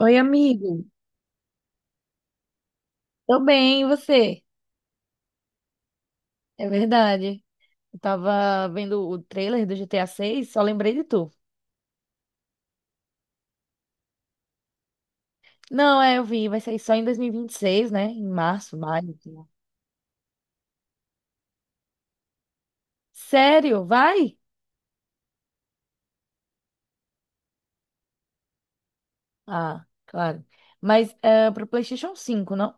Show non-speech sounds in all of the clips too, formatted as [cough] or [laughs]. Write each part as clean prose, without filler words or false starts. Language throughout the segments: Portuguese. Oi, amigo. Tô bem, e você? É verdade. Eu tava vendo o trailer do GTA 6, só lembrei de tu. Não, é, eu vi, vai sair só em 2026, né? Em março, maio, sei lá. Sério? Vai? Ah, claro. Mas é pro PlayStation 5, não?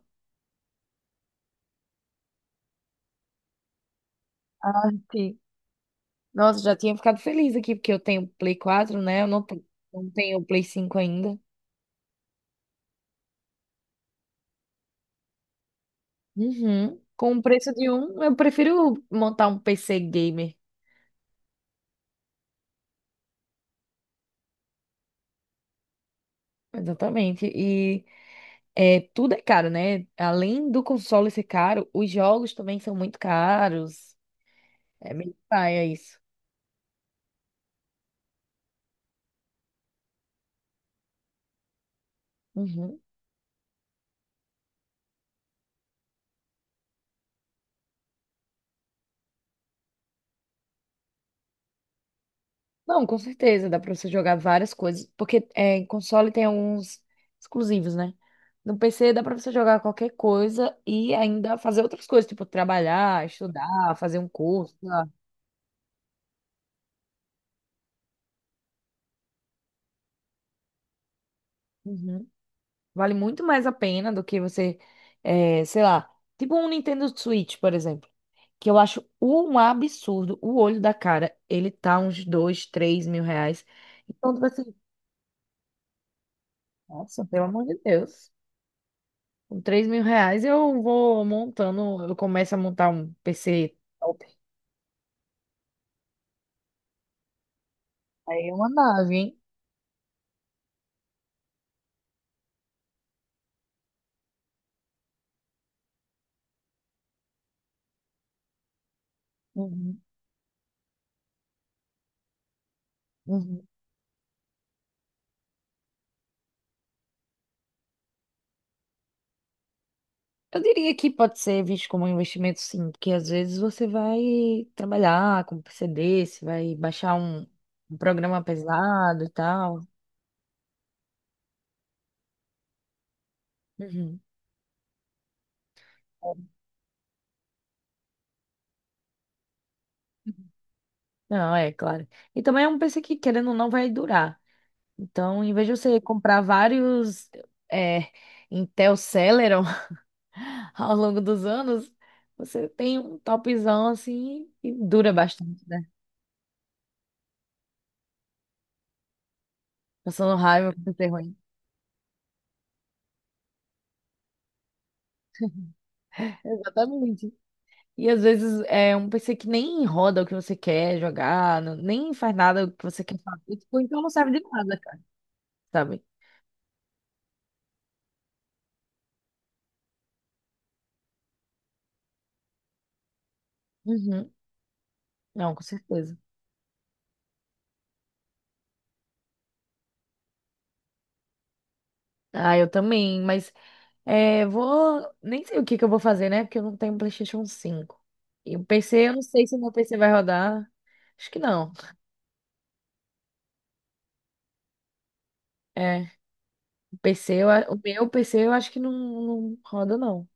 Ah, sim. Nossa, já tinha ficado feliz aqui, porque eu tenho Play 4, né? Eu não, não tenho o Play 5 ainda. Uhum. Com o preço de um, eu prefiro montar um PC gamer. Exatamente. É, tudo é caro, né? Além do console ser caro, os jogos também são muito caros. É meio paia isso. Uhum. Não, com certeza, dá pra você jogar várias coisas, porque é, em console tem alguns exclusivos, né? No PC dá pra você jogar qualquer coisa e ainda fazer outras coisas, tipo trabalhar, estudar, fazer um curso, sei lá. Uhum. Vale muito mais a pena do que você, sei lá, tipo um Nintendo Switch, por exemplo, que eu acho um absurdo. O olho da cara, ele tá uns dois, 3 mil reais. Então, tipo assim, nossa, pelo amor de Deus. Com 3 mil reais eu vou montando, eu começo a montar um PC top. Aí é uma nave, hein? Uhum. Uhum. Eu diria que pode ser visto como um investimento, sim, porque às vezes você vai trabalhar com PCD, você vai baixar um programa pesado e tal. Uhum. Não, é claro. E também é um PC que, querendo ou não, vai durar. Então, em vez de você comprar vários é, Intel Celeron [laughs] ao longo dos anos, você tem um topzão assim e dura bastante, né? Passando raiva com o PC ruim. [laughs] Exatamente. E às vezes é um PC que nem roda o que você quer jogar, nem faz nada o que você quer fazer. Tipo, então não serve de nada, cara, sabe? Uhum. Não, com certeza. Ah, eu também, mas vou. Nem sei o que que eu vou fazer, né? Porque eu não tenho PlayStation 5 e o PC, eu não sei se o meu PC vai rodar. Acho que não. É, o PC, o meu PC eu acho que não, não roda, não.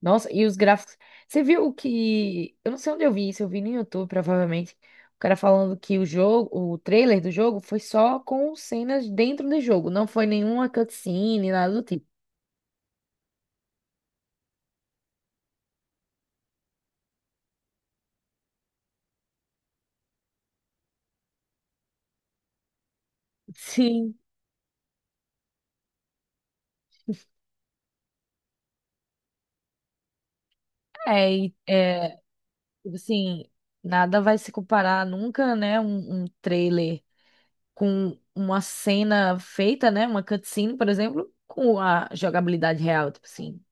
Nossa, e os gráficos. Você viu o que? Eu não sei onde eu vi isso, eu vi no YouTube, provavelmente. O cara falando que o jogo, o trailer do jogo foi só com cenas dentro do jogo, não foi nenhuma cutscene, nada do tipo. Sim, e, tipo assim, nada vai se comparar nunca, né, um trailer com uma cena feita, né, uma cutscene, por exemplo, com a jogabilidade real, tipo assim.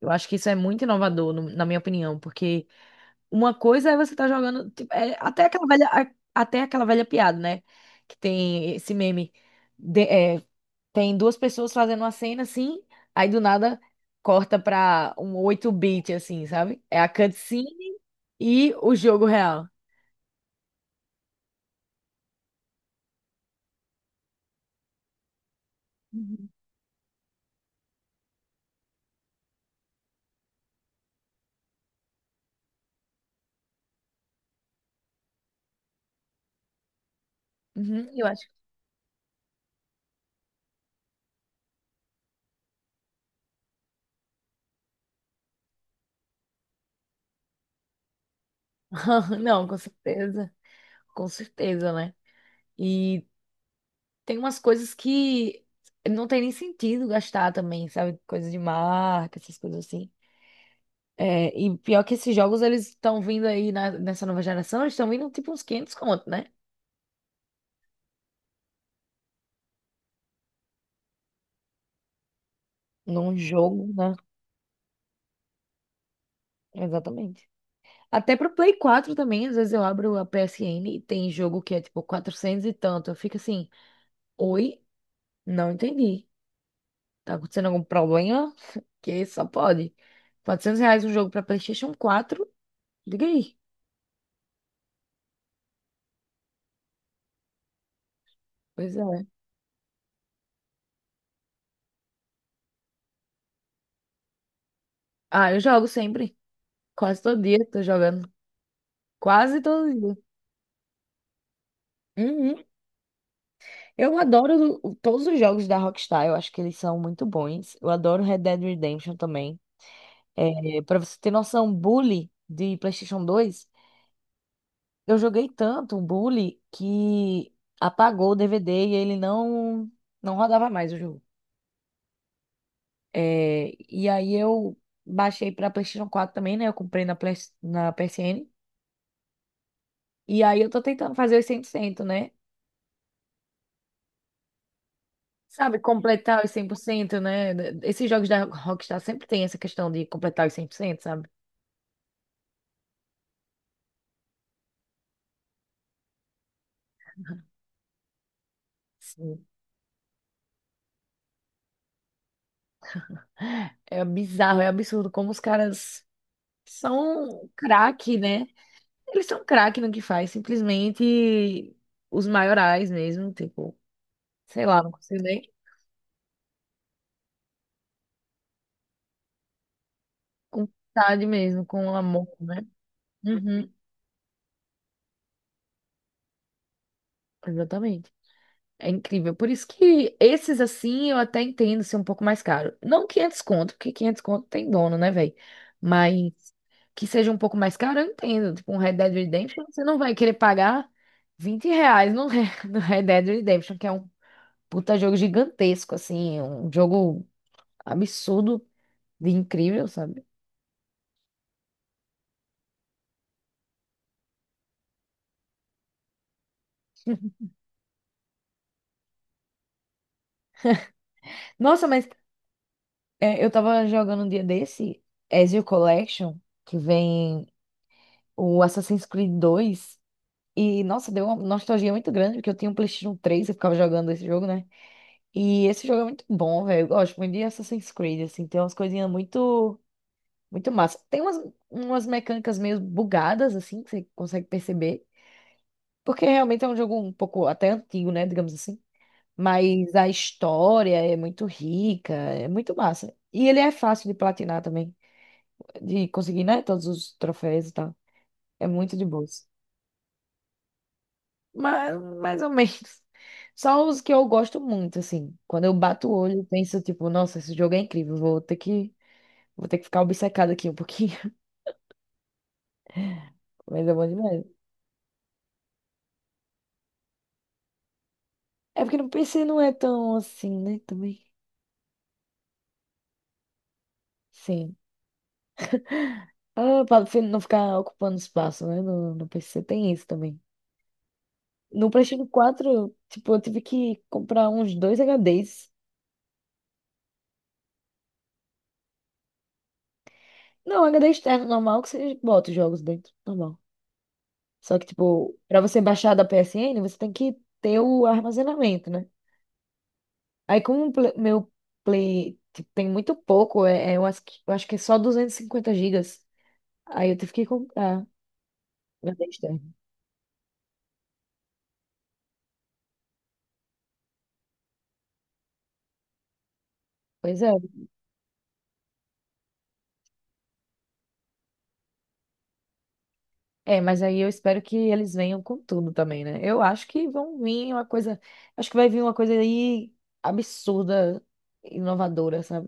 Eu acho que isso é muito inovador, na minha opinião, porque uma coisa é você estar jogando, tipo, é até aquela velha, até aquela velha piada, né? Que tem esse meme. de- é, Tem duas pessoas fazendo uma cena assim, aí do nada corta pra um 8 bit assim, sabe? É a cutscene e o jogo real. Uhum. Uhum, eu acho. [laughs] Não, com certeza. Com certeza, né? E tem umas coisas que não tem nem sentido gastar também, sabe? Coisas de marca, essas coisas assim. É, e pior que esses jogos, eles estão vindo aí nessa nova geração, eles estão vindo tipo uns 500 conto, né? Num jogo, né? Exatamente. Até pro Play 4 também, às vezes eu abro a PSN e tem jogo que é tipo 400 e tanto. Eu fico assim, oi? Não entendi. Tá acontecendo algum problema? [laughs] Que só pode. 400 reais um jogo pra PlayStation 4? Diga aí. Pois é. Ah, eu jogo sempre. Quase todo dia tô jogando. Quase todo dia. Uhum. Eu adoro todos os jogos da Rockstar, eu acho que eles são muito bons. Eu adoro Red Dead Redemption também. É, para você ter noção, Bully de PlayStation 2, eu joguei tanto o Bully que apagou o DVD e ele não rodava mais o jogo. É, e aí eu baixei para PlayStation 4 também, né? Eu comprei na PSN. E aí eu tô tentando fazer os 100%, né? Sabe, completar os 100%, né? Esses jogos da Rockstar sempre tem essa questão de completar os 100%, sabe? Sim. É bizarro, é absurdo como os caras são craque, né? Eles são craque no que faz, simplesmente os maiorais mesmo, tipo, sei lá, não consigo nem com vontade mesmo, com amor, né? Uhum, exatamente. É incrível. Por isso que esses assim eu até entendo ser um pouco mais caro. Não 500 conto, porque 500 conto tem dono, né, velho? Mas que seja um pouco mais caro, eu entendo. Tipo, um Red Dead Redemption, você não vai querer pagar 20 reais [laughs] no Red Dead Redemption, que é um puta jogo gigantesco, assim, um jogo absurdo de incrível, sabe? Nossa, mas eu tava jogando um dia desse, Ezio Collection, que vem o Assassin's Creed 2. E, nossa, deu uma nostalgia muito grande, porque eu tinha um PlayStation 3 e ficava jogando esse jogo, né? E esse jogo é muito bom, velho. Eu gosto muito de Assassin's Creed, assim, tem umas coisinhas muito muito massa. Tem umas mecânicas meio bugadas, assim, que você consegue perceber. Porque realmente é um jogo um pouco até antigo, né? Digamos assim. Mas a história é muito rica, é muito massa. E ele é fácil de platinar também. De conseguir, né? Todos os troféus e tal. É muito de boas. Mas, mais ou menos. Só os que eu gosto muito, assim. Quando eu bato o olho, eu penso, tipo, nossa, esse jogo é incrível. Vou ter que ficar obcecado aqui um pouquinho. [laughs] Mas é bom demais. É porque no PC não é tão assim, né? Também. Sim. Ah, pra você não ficar ocupando espaço, né? No PC tem isso também. No PlayStation 4, tipo, eu tive que comprar uns dois HDs. Não, HD externo normal que você bota os jogos dentro, normal. Só que, tipo, pra você baixar da PSN, você tem que ter o armazenamento, né? Aí, como o meu Play, tipo, tem muito pouco, eu acho que é só 250 gigas. Aí eu tive que comprar HD externo. Pois é. É, mas aí eu espero que eles venham com tudo também, né? Eu acho que vão vir uma coisa. Acho que vai vir uma coisa aí absurda, inovadora, sabe?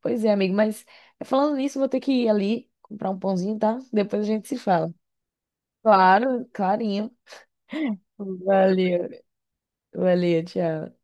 Pois é, amigo, mas falando nisso, vou ter que ir ali comprar um pãozinho, tá? Depois a gente se fala. Claro, clarinho. Valeu, valeu, tchau.